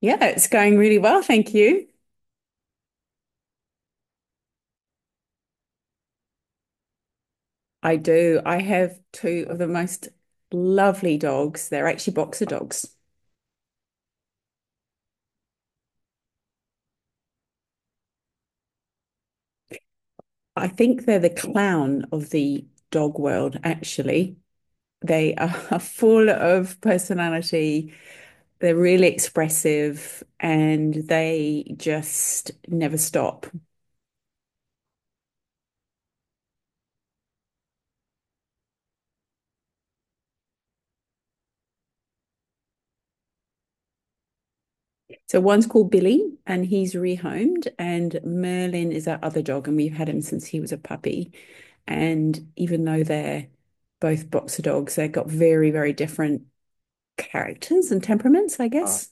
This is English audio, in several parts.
Yeah, it's going really well, thank you. I do. I have two of the most lovely dogs. They're actually boxer dogs. I think they're the clown of the dog world, actually. They are full of personality. They're really expressive and they just never stop. So one's called Billy and he's rehomed, and Merlin is our other dog, and we've had him since he was a puppy. And even though they're both boxer dogs, they've got very, very different characters and temperaments, I guess. Oh.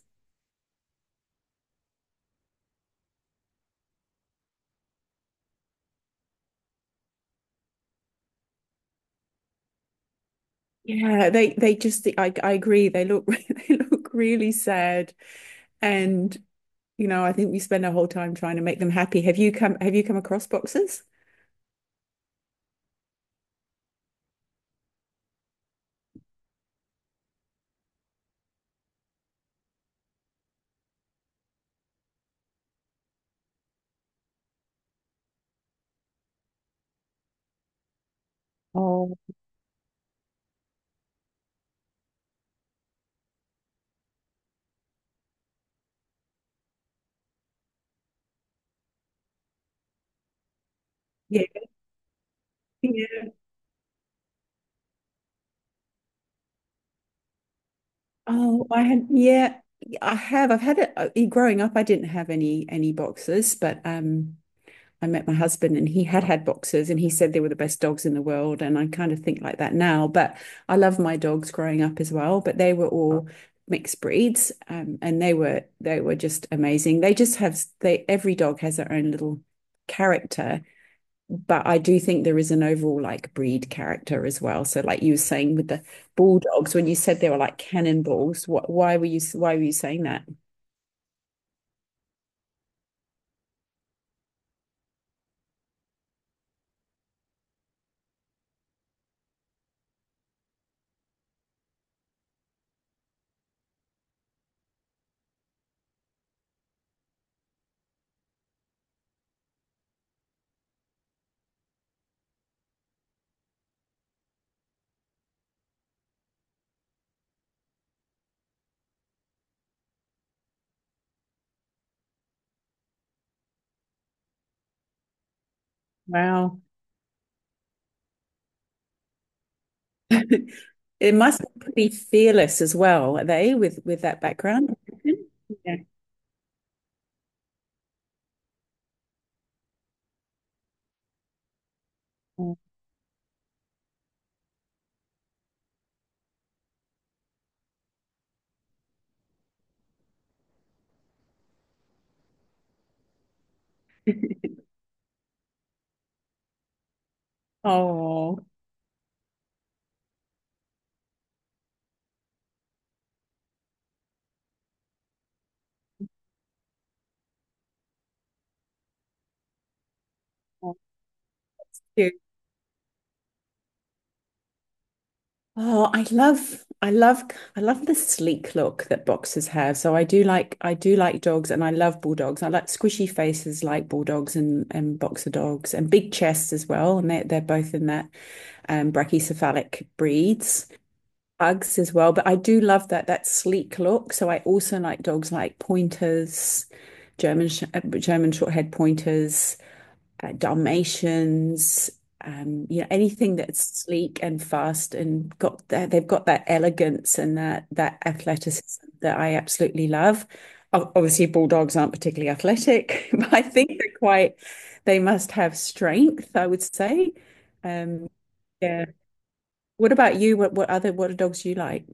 Yeah, they just I agree. They look they look really sad and you know, I think we spend our whole time trying to make them happy. Have you come across boxers? Oh, yeah. Yeah. Oh, I had yeah, I have. I've had it Growing up I didn't have any boxers, but I met my husband and he had had boxers and he said they were the best dogs in the world. And I kind of think like that now. But I love my dogs growing up as well. But they were all mixed breeds and they were just amazing. They just have they every dog has their own little character, but I do think there is an overall like breed character as well. So like you were saying with the bulldogs, when you said they were like cannonballs, what why were you saying that? Wow. It must be pretty fearless as well, are they, with that background? Yeah. Oh, cute. Oh, I love the sleek look that boxers have. So I do like dogs, and I love bulldogs. I like squishy faces, like bulldogs and boxer dogs, and big chests as well. And they're both in that brachycephalic breeds, pugs as well. But I do love that sleek look. So I also like dogs like pointers, German short-haired pointers, Dalmatians, you know, anything that's sleek and fast and got that they've got that elegance and that athleticism that I absolutely love. Obviously, bulldogs aren't particularly athletic, but I think they're quite they must have strength, I would say. Um, yeah. What about you? What other what are dogs you like?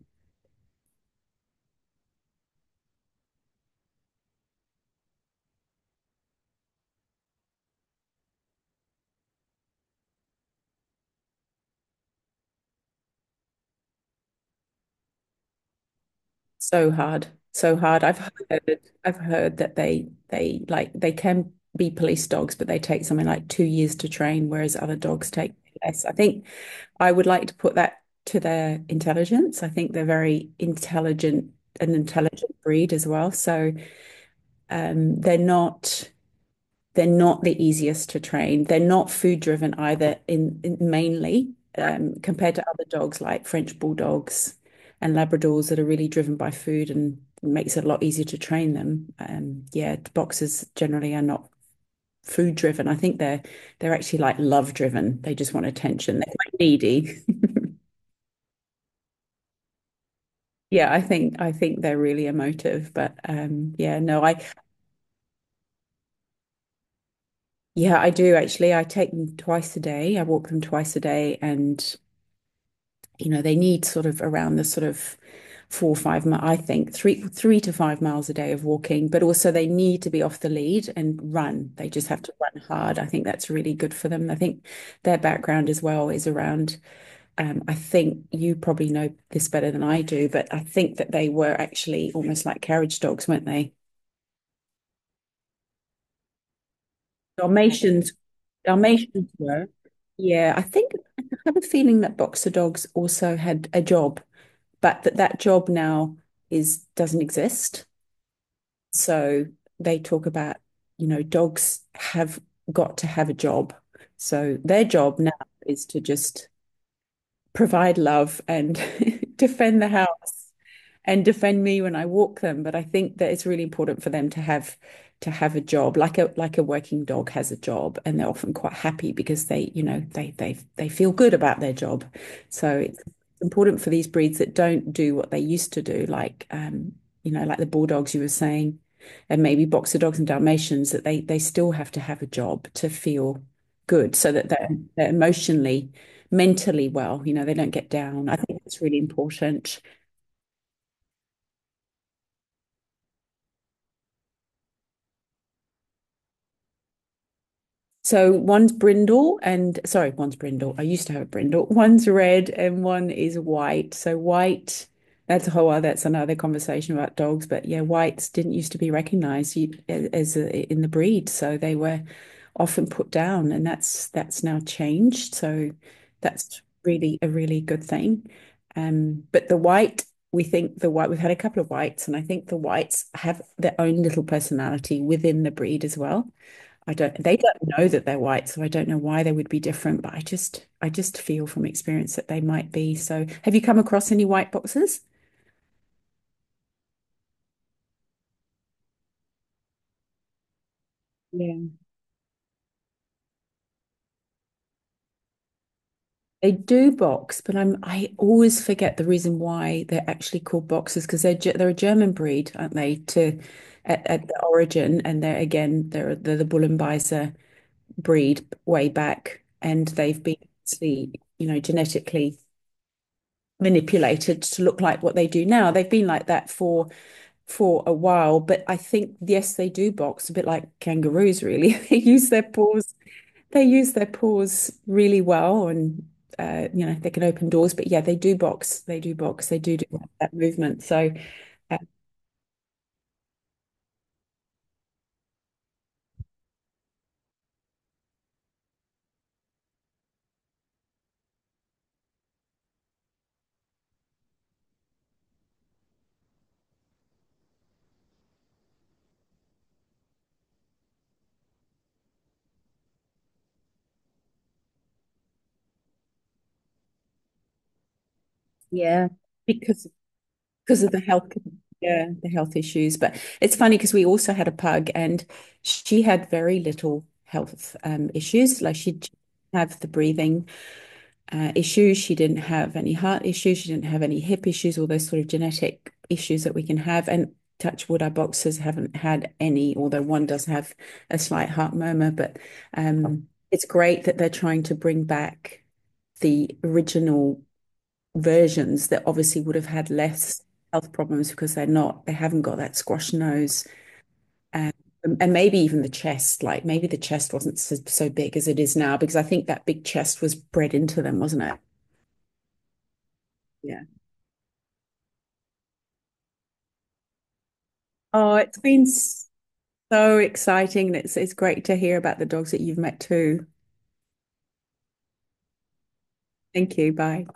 So hard, so hard. I've heard that they can be police dogs, but they take something like 2 years to train, whereas other dogs take less. I think I would like to put that to their intelligence. I think they're very intelligent, an intelligent breed as well. So they're not. They're not the easiest to train. They're not food driven either, in- mainly compared to other dogs like French bulldogs and Labradors that are really driven by food and makes it a lot easier to train them. Yeah, the boxers generally are not food driven. I think they're actually like love driven. They just want attention. They're quite needy. Yeah, I think they're really emotive, but yeah, no, I yeah, I do actually. I take them twice a day. I walk them twice a day and you know, they need sort of around the sort of four, or five, I think three, 3 to 5 miles a day of walking, but also they need to be off the lead and run. They just have to run hard. I think that's really good for them. I think their background as well is around, I think you probably know this better than I do, but I think that they were actually almost like carriage dogs, weren't they? Dalmatians, Dalmatians were. Yeah, I think I have a feeling that boxer dogs also had a job, but that job now is doesn't exist. So they talk about, you know, dogs have got to have a job. So their job now is to just provide love and defend the house and defend me when I walk them. But I think that it's really important for them to have a job, like a working dog has a job, and they're often quite happy because they, you know, they feel good about their job. So it's important for these breeds that don't do what they used to do, like you know, like the bulldogs you were saying, and maybe boxer dogs and Dalmatians, that they still have to have a job to feel good so that they're emotionally mentally well. You know, they don't get down. I think that's really important. So one's brindle. I used to have a brindle. One's red and one is white. So white, that's a whole other, that's another conversation about dogs. But yeah, whites didn't used to be recognized as a, in the breed, so they were often put down, and that's now changed. So that's really a really good thing. But the white, we think the white, we've had a couple of whites, and I think the whites have their own little personality within the breed as well. I don't, they don't know that they're white, so I don't know why they would be different, but I just feel from experience that they might be. So, have you come across any white boxes? Yeah. They do box, but I always forget the reason why they're actually called boxers because they're a German breed, aren't they, at the origin. And they're the Bull breed way back, and they've been, you know, genetically manipulated to look like what they do now. They've been like that for a while, but I think yes, they do box a bit like kangaroos, really. They use their paws. They use their paws really well, and you know they can open doors. But yeah, they do box. They do box. They do do that movement. So uh, yeah, because because of the health. Yeah, the health issues. But it's funny because we also had a pug and she had very little health issues. Like she'd have the breathing issues. She didn't have any heart issues. She didn't have any hip issues, all those sort of genetic issues that we can have. And touch wood, our boxers haven't had any, although one does have a slight heart murmur. But it's great that they're trying to bring back the original versions that obviously would have had less health problems because they haven't got that squash nose. Um, and maybe even the chest, like maybe the chest wasn't so big as it is now, because I think that big chest was bred into them, wasn't it? Yeah. Oh, it's been so exciting. And it's great to hear about the dogs that you've met too. Thank you. Bye.